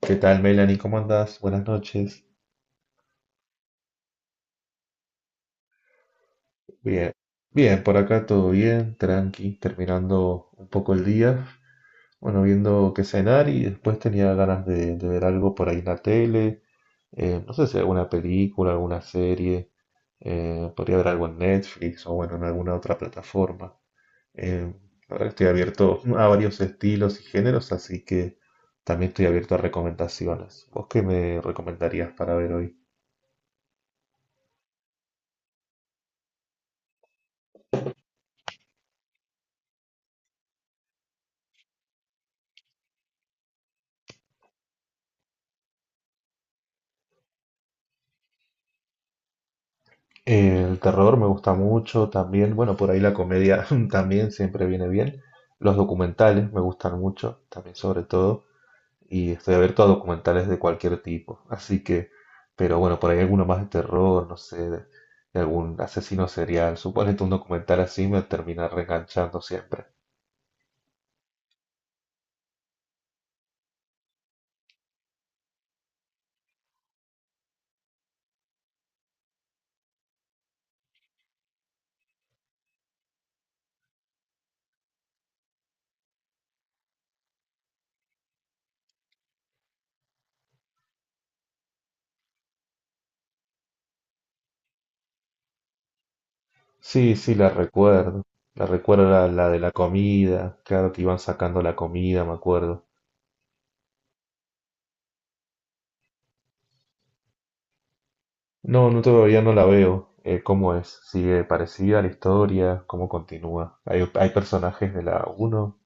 ¿Qué tal, Melanie? ¿Cómo andás? Buenas noches. Bien, bien, por acá todo bien, tranqui, terminando un poco el día. Bueno, viendo qué cenar y después tenía ganas de ver algo por ahí en la tele. No sé si alguna película, alguna serie. Podría ver algo en Netflix o bueno, en alguna otra plataforma. Eh, la verdad que estoy abierto a varios estilos y géneros, así que también estoy abierto a recomendaciones. ¿Vos qué me recomendarías para ver hoy? El terror me gusta mucho también, bueno, por ahí la comedia también siempre viene bien. Los documentales me gustan mucho, también sobre todo, y estoy abierto a documentales de cualquier tipo. Así que, pero bueno, por ahí alguno más de terror, no sé, de algún asesino serial. Suponete un documental así me termina reenganchando siempre. Sí, sí, la recuerdo. La recuerdo la de la comida, claro que iban sacando la comida, me acuerdo. No, no todavía no la veo. ¿Cómo es? ¿Sigue parecida a la historia? ¿Cómo continúa? ¿Hay personajes de la uno?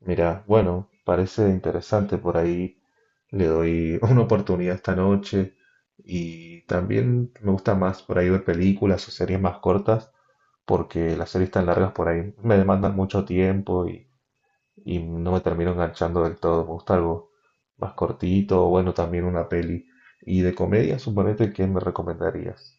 Mira, bueno, parece interesante por ahí. Le doy una oportunidad esta noche. Y también me gusta más por ahí ver películas o series más cortas, porque las series tan largas por ahí me demandan mucho tiempo y no me termino enganchando del todo. Me gusta algo más cortito, o bueno, también una peli. Y de comedia, suponete, ¿qué me recomendarías?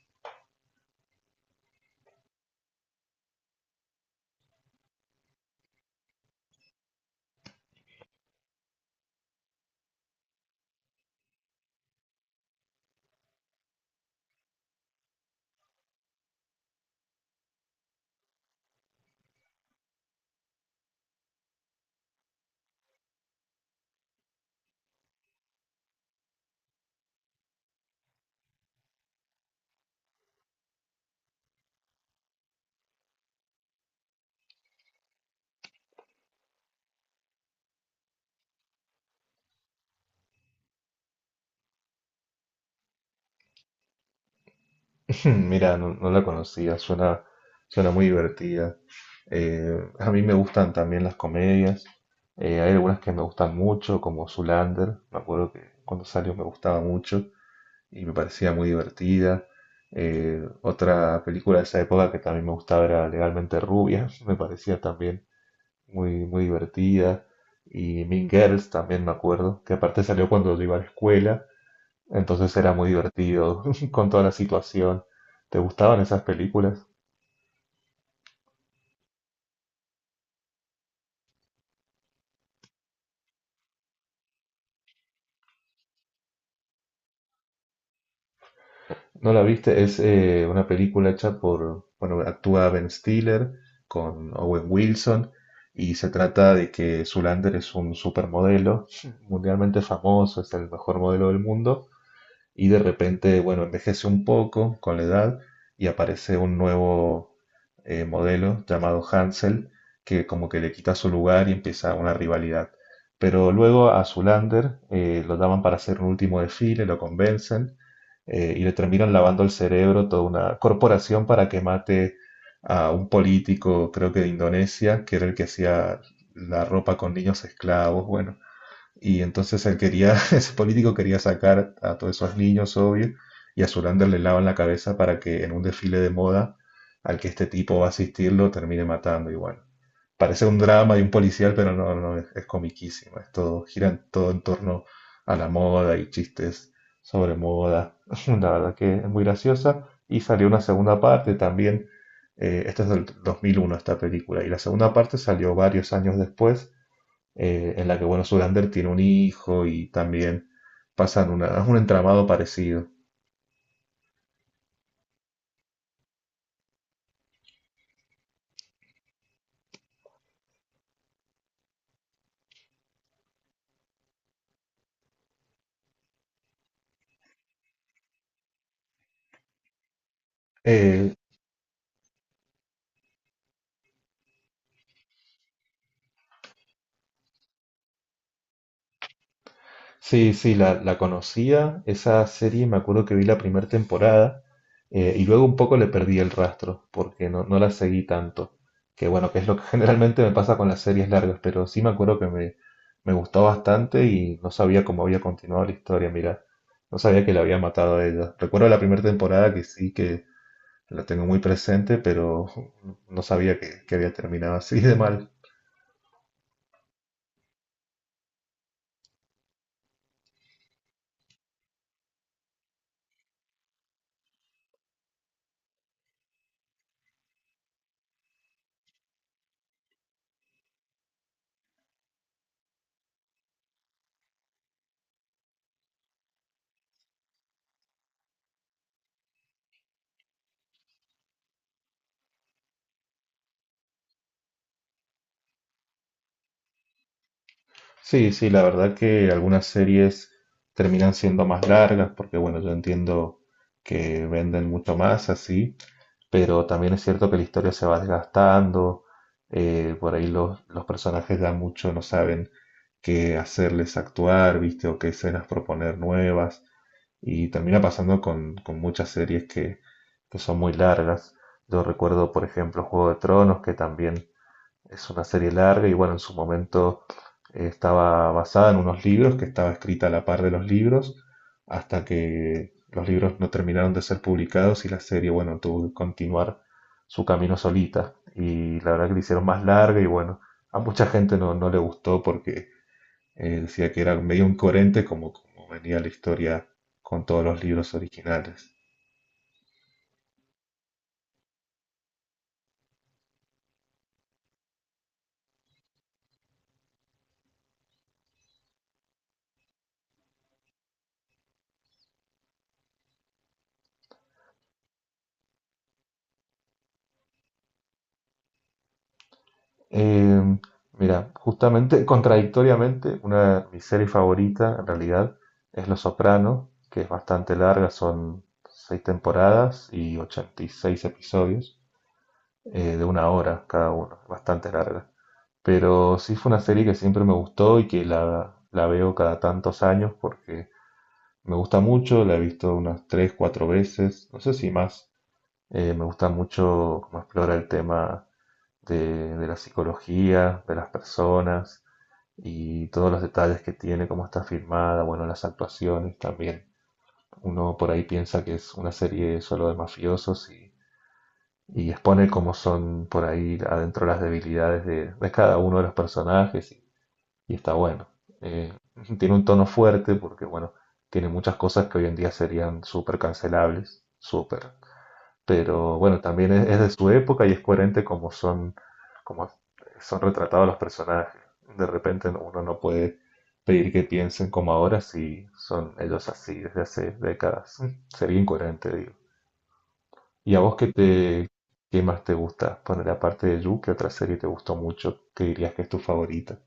Mira, no, no la conocía, suena, suena muy divertida. A mí me gustan también las comedias. Hay algunas que me gustan mucho, como Zoolander. Me acuerdo que cuando salió me gustaba mucho y me parecía muy divertida. Otra película de esa época que también me gustaba era Legalmente Rubia. Me parecía también muy, muy divertida. Y Mean Girls también me acuerdo, que aparte salió cuando yo iba a la escuela. Entonces era muy divertido con toda la situación. ¿Te gustaban esas películas? ¿No la viste? Es una película hecha por, bueno, actúa Ben Stiller con Owen Wilson y se trata de que Zoolander es un supermodelo mundialmente famoso, es el mejor modelo del mundo y de repente, bueno, envejece un poco con la edad y aparece un nuevo modelo llamado Hansel que como que le quita su lugar y empieza una rivalidad. Pero luego a Zulander lo llaman para hacer un último desfile, lo convencen y le terminan lavando el cerebro toda una corporación para que mate a un político, creo que de Indonesia, que era el que hacía la ropa con niños esclavos. Bueno, y entonces él quería, ese político quería sacar a todos esos niños, obvio, y a Zoolander le lavan la cabeza para que en un desfile de moda al que este tipo va a asistir lo termine matando. Y bueno, parece un drama de un policial, pero no, no, es comiquísimo. Es todo, todo en torno a la moda y chistes sobre moda. La verdad que es muy graciosa. Y salió una segunda parte también. Esta es del 2001, esta película. Y la segunda parte salió varios años después en la que, bueno, Zoolander tiene un hijo y también pasan una, un entramado parecido. Eh, sí, sí, la conocía, esa serie, me acuerdo que vi la primera temporada y luego un poco le perdí el rastro porque no, no la seguí tanto. Que bueno, que es lo que generalmente me pasa con las series largas, pero sí me acuerdo que me gustó bastante y no sabía cómo había continuado la historia, mira, no sabía que la había matado a ella. Recuerdo la primera temporada que sí, que la tengo muy presente, pero no sabía que había terminado así de mal. Sí, sí, la verdad que algunas series terminan siendo más largas porque, bueno, yo entiendo que venden mucho más así, pero también es cierto que la historia se va desgastando, por ahí los personajes ya mucho no saben qué hacerles actuar, ¿viste? O qué escenas proponer nuevas. Y termina pasando con muchas series que son muy largas. Yo recuerdo, por ejemplo, Juego de Tronos, que también es una serie larga y bueno, en su momento estaba basada en unos libros, que estaba escrita a la par de los libros, hasta que los libros no terminaron de ser publicados y la serie, bueno, tuvo que continuar su camino solita. Y la verdad que la hicieron más larga y bueno, a mucha gente no, no le gustó porque decía que era medio incoherente como, como venía la historia con todos los libros originales. Eh, Mira, justamente, contradictoriamente, una de mis series favoritas en realidad es Los Soprano, que es bastante larga, son seis temporadas y 86 episodios de una hora cada uno, bastante larga. Pero sí fue una serie que siempre me gustó y que la veo cada tantos años porque me gusta mucho, la he visto unas 3 4 veces, no sé si más. Me gusta mucho cómo explora el tema de la psicología, de las personas y todos los detalles que tiene, cómo está filmada, bueno, las actuaciones también. Uno por ahí piensa que es una serie solo de mafiosos y expone cómo son por ahí adentro las debilidades de cada uno de los personajes y está bueno. Eh, Tiene un tono fuerte porque, bueno, tiene muchas cosas que hoy en día serían súper cancelables, súper, pero bueno, también es de su época y es coherente como son retratados los personajes. De repente uno no puede pedir que piensen como ahora si son ellos así desde hace décadas. Sería incoherente, digo. ¿Y a vos qué más te gusta? Poner aparte de You, ¿qué otra serie te gustó mucho? ¿Qué dirías que es tu favorita?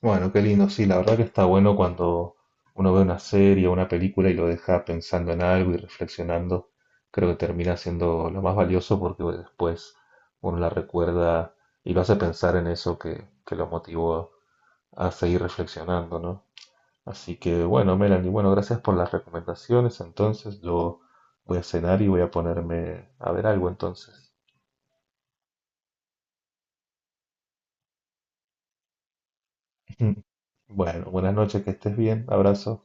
Bueno, qué lindo, sí, la verdad que está bueno cuando uno ve una serie o una película y lo deja pensando en algo y reflexionando. Creo que termina siendo lo más valioso porque bueno, después uno la recuerda y lo hace pensar en eso que lo motivó a seguir reflexionando, ¿no? Así que bueno, Melanie, bueno, gracias por las recomendaciones. Entonces yo voy a cenar y voy a ponerme a ver algo entonces. Bueno, buenas noches, que estés bien, abrazo.